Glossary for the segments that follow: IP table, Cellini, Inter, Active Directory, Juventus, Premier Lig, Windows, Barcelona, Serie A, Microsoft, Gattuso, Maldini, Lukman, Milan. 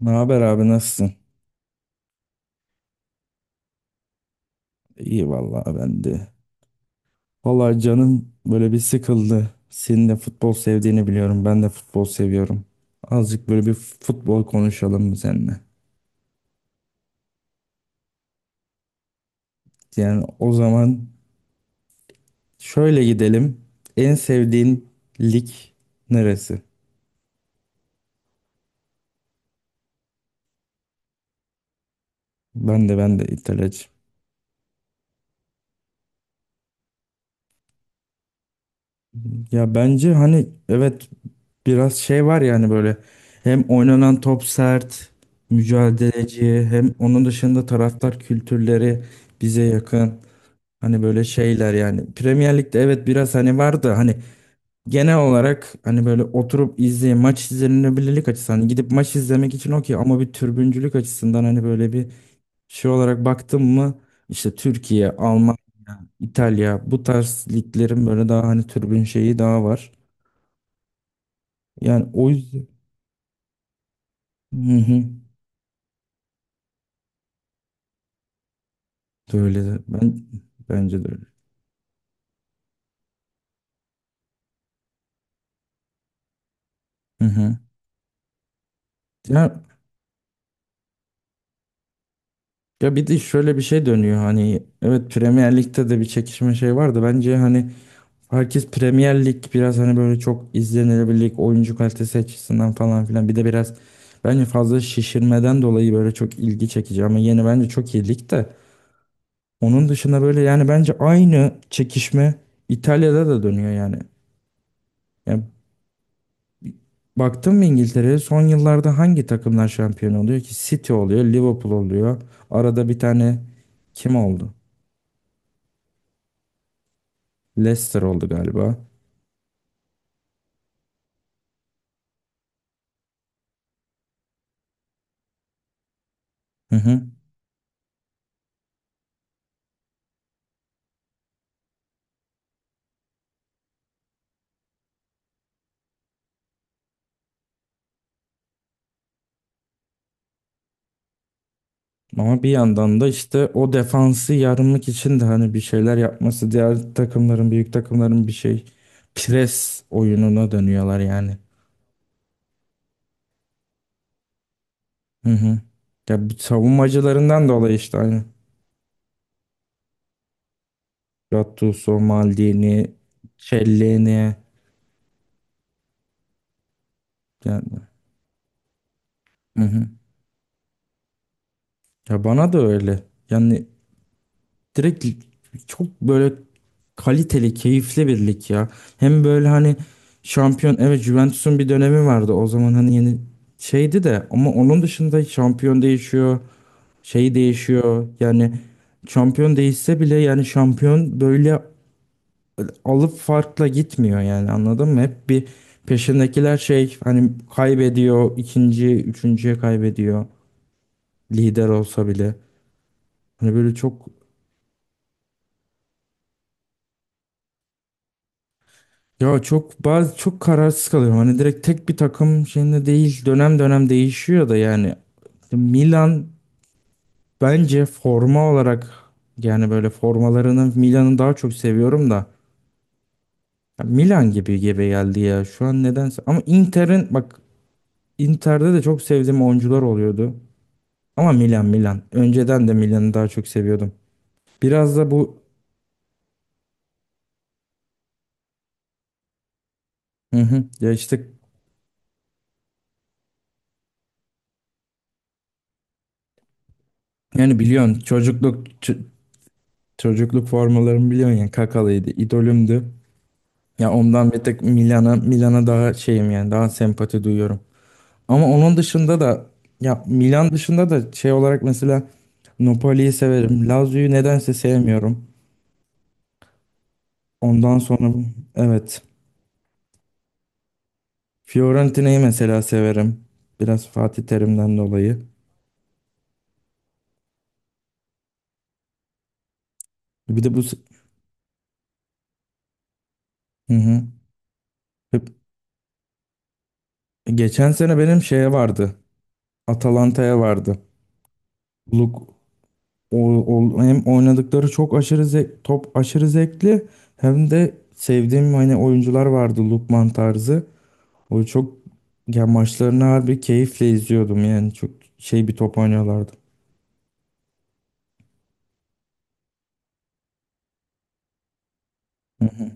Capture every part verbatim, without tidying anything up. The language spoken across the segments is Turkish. Ne haber abi, nasılsın? İyi vallahi ben de. Vallahi canım böyle bir sıkıldı. Senin de futbol sevdiğini biliyorum. Ben de futbol seviyorum. Azıcık böyle bir futbol konuşalım mı seninle? Yani o zaman şöyle gidelim. En sevdiğin lig neresi? Ben de ben de İtalyacı. Ya bence hani evet biraz şey var yani böyle hem oynanan top sert, mücadeleci, hem onun dışında taraftar kültürleri bize yakın. Hani böyle şeyler yani Premier Lig'de evet biraz hani vardı hani genel olarak hani böyle oturup izleye maç izlenebilirlik açısından hani gidip maç izlemek için okey ama bir türbüncülük açısından hani böyle bir şey olarak baktım mı işte Türkiye, Almanya, İtalya bu tarz liglerin böyle daha hani türbün şeyi daha var. Yani o yüzden, hı hı, de öyle de ben bence de öyle. Hı hı. Ya, ya bir de şöyle bir şey dönüyor hani evet Premier Lig'de de bir çekişme şey vardı bence hani herkes Premier Lig biraz hani böyle çok izlenilebilirlik, oyuncu kalitesi açısından falan filan. Bir de biraz bence fazla şişirmeden dolayı böyle çok ilgi çekici ama yeni bence çok iyi lig de. Onun dışında böyle yani bence aynı çekişme İtalya'da da dönüyor yani. Yani baktın mı İngiltere'ye, son yıllarda hangi takımlar şampiyon oluyor ki? City oluyor, Liverpool oluyor. Arada bir tane kim oldu? Leicester oldu galiba. Hı hı. Ama bir yandan da işte o defansı yarmak için de hani bir şeyler yapması diğer takımların, büyük takımların bir şey pres oyununa dönüyorlar yani. Hı hı. Ya bu savunmacılarından dolayı işte aynı. Gattuso, Maldini, Cellini yani. Hı hı. Ya bana da öyle. Yani direkt çok böyle kaliteli, keyifli bir lig ya. Hem böyle hani şampiyon evet Juventus'un bir dönemi vardı o zaman hani yeni şeydi de ama onun dışında şampiyon değişiyor, şey değişiyor. Yani şampiyon değişse bile yani şampiyon böyle alıp farkla gitmiyor yani anladın mı? Hep bir peşindekiler şey hani kaybediyor, ikinci, üçüncüye kaybediyor lider olsa bile. Hani böyle çok. Ya çok, bazı çok kararsız kalıyorum. Hani direkt tek bir takım şeyinde değil. Dönem dönem değişiyor da yani Milan bence forma olarak, yani böyle formalarını, Milan'ı daha çok seviyorum da ya Milan gibi gibi geldi ya şu an nedense. Ama Inter'in bak Inter'de de çok sevdiğim oyuncular oluyordu. Ama Milan Milan. Önceden de Milan'ı daha çok seviyordum. Biraz da bu, hı hı, ya işte yani biliyorsun çocukluk ç- çocukluk formalarımı biliyorsun ya, Kakalıydı, idolümdü. Ya ondan bir tek Milan'a Milan'a daha şeyim yani daha sempati duyuyorum. Ama onun dışında da ya Milan dışında da şey olarak mesela Napoli'yi severim. Lazio'yu nedense sevmiyorum. Ondan sonra evet Fiorentina'yı mesela severim. Biraz Fatih Terim'den dolayı. Bir de bu s- hı hı. Hep- Geçen sene benim şeye vardı. Atalanta'ya vardı. Luk O, o- hem oynadıkları çok aşırı zevk, top aşırı zevkli hem de sevdiğim hani oyuncular vardı, Lukman tarzı. O çok, ya maçlarını harbi keyifle izliyordum yani çok şey bir top oynuyorlardı. Hı hı.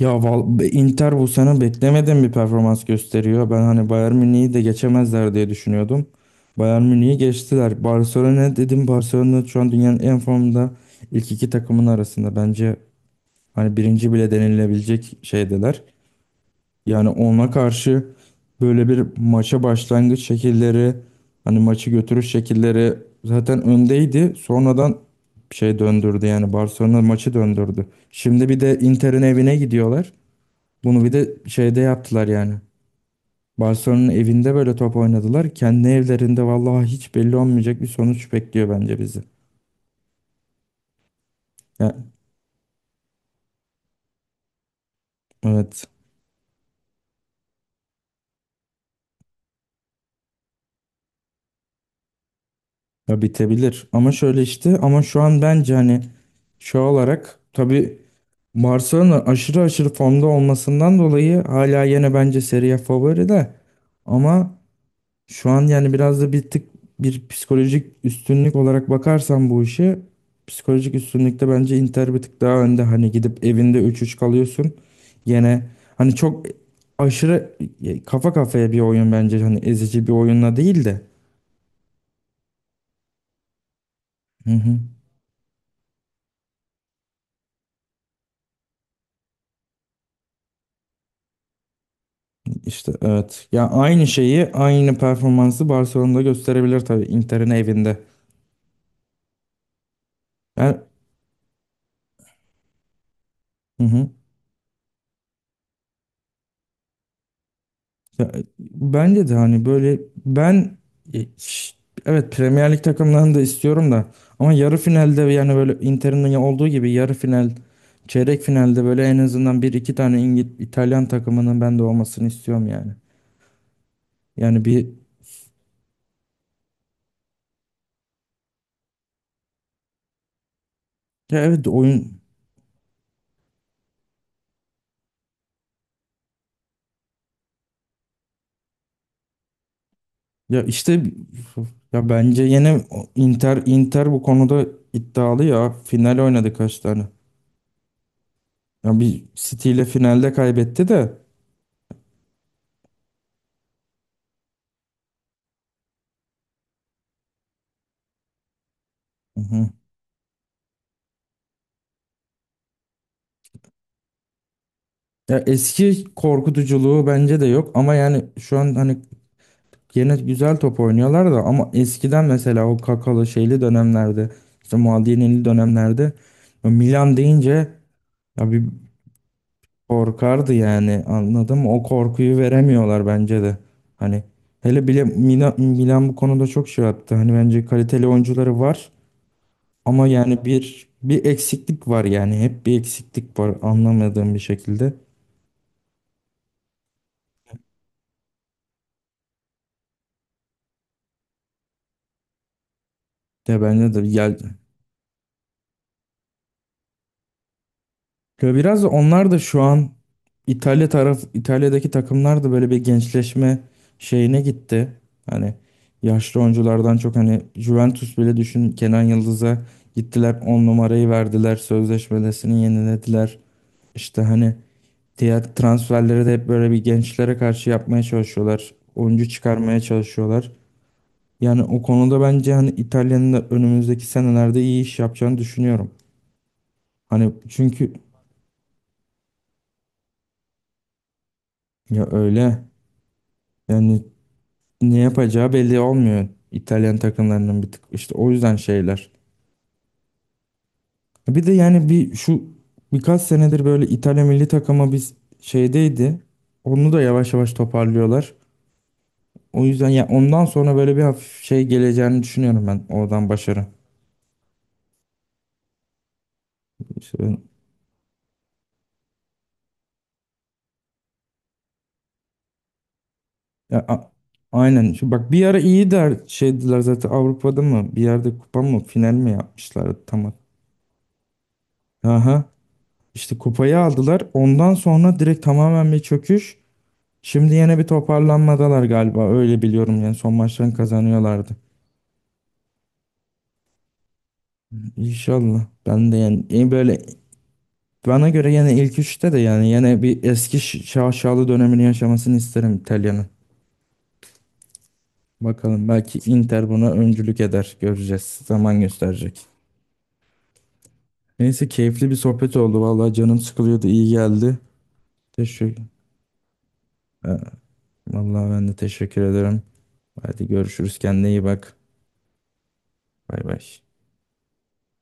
Ya val- be- Inter bu sene beklemediğim bir performans gösteriyor. Ben hani Bayern Münih'i de geçemezler diye düşünüyordum. Bayern Münih'i geçtiler. Barcelona dedim, Barcelona şu an dünyanın en formda ilk iki takımın arasında. Bence hani birinci bile denilebilecek şeydeler. Yani ona karşı böyle bir maça başlangıç şekilleri, hani maçı götürüş şekilleri zaten öndeydi. Sonradan şey döndürdü yani Barcelona maçı döndürdü. Şimdi bir de Inter'in evine gidiyorlar. Bunu bir de şeyde yaptılar yani. Barcelona'nın evinde böyle top oynadılar. Kendi evlerinde vallahi hiç belli olmayacak bir sonuç bekliyor bence bizi. Ya, evet. Ya bitebilir. Ama şöyle işte, ama şu an bence hani şu olarak tabii Barcelona aşırı aşırı formda olmasından dolayı hala yine bence Serie A favori de, ama şu an yani biraz da bir tık bir psikolojik üstünlük olarak bakarsan bu işe, psikolojik üstünlükte bence Inter bir tık daha önde. Hani gidip evinde üç üç kalıyorsun yine, hani çok aşırı kafa kafaya bir oyun bence, hani ezici bir oyunla değil de. Hı hı. İşte evet. Ya aynı şeyi, aynı performansı Barcelona'da gösterebilir tabii Inter'in evinde. Ben, hı hı. Ya, bence de hani böyle ben, e, ş- evet Premier Lig takımlarını da istiyorum da, ama yarı finalde yani böyle Inter'in ya- olduğu gibi yarı final, çeyrek finalde böyle en azından bir iki tane İngiliz, İtalyan takımının ben de olmasını istiyorum yani. Yani bir, ya evet oyun, ya işte ya bence yine o- Inter Inter bu konuda iddialı, ya final oynadı kaç tane. Ya bir City ile finalde kaybetti de. Hı hı. Ya eski korkutuculuğu bence de yok ama yani şu an hani yine güzel top oynuyorlar da, ama eskiden mesela o Kakalı şeyli dönemlerde, işte Maldini'li dönemlerde, ya Milan deyince ya bir korkardı yani anladın mı? O korkuyu veremiyorlar bence de. Hani hele bile Milan, Milan bu konuda çok şey attı. Hani bence kaliteli oyuncuları var ama yani bir bir eksiklik var yani hep bir eksiklik var anlamadığım bir şekilde. De bence de ya. Ya biraz da onlar da şu an İtalya taraf İtalya'daki takımlar da böyle bir gençleşme şeyine gitti. Hani yaşlı oyunculardan çok, hani Juventus bile düşün Kenan Yıldız'a gittiler, on numarayı verdiler, sözleşmesini yenilediler. İşte hani diğer transferleri de hep böyle bir gençlere karşı yapmaya çalışıyorlar. Oyuncu çıkarmaya çalışıyorlar. Yani o konuda bence hani İtalya'nın da önümüzdeki senelerde iyi iş yapacağını düşünüyorum. Hani çünkü ya öyle yani ne yapacağı belli olmuyor İtalyan takımlarının bir tık işte o yüzden şeyler. Bir de yani bir şu birkaç senedir böyle İtalya milli takımı biz şeydeydi. Onu da yavaş yavaş toparlıyorlar. O yüzden ya ondan sonra böyle bir hafif şey geleceğini düşünüyorum ben, oradan başarı. İşte ben- ya, a- aynen. Şu bak bir ara iyi der şeydiler zaten, Avrupa'da mı bir yerde kupa mı, final mi yapmışlardı, tamam. Aha. İşte kupayı aldılar. Ondan sonra direkt tamamen bir çöküş. Şimdi yine bir toparlanmadalar galiba. Öyle biliyorum yani son maçlarını kazanıyorlardı. İnşallah. Ben de yani, e, böyle bana göre yine ilk üçte de, yani yine bir eski ş- şaşalı dönemini yaşamasını isterim İtalya'nın. Bakalım, belki Inter buna öncülük eder. Göreceğiz. Zaman gösterecek. Neyse, keyifli bir sohbet oldu. Vallahi canım sıkılıyordu, İyi geldi. Teşekkür. Ha, Vallahi ben de teşekkür ederim. Hadi görüşürüz. Kendine iyi bak. Bay bay.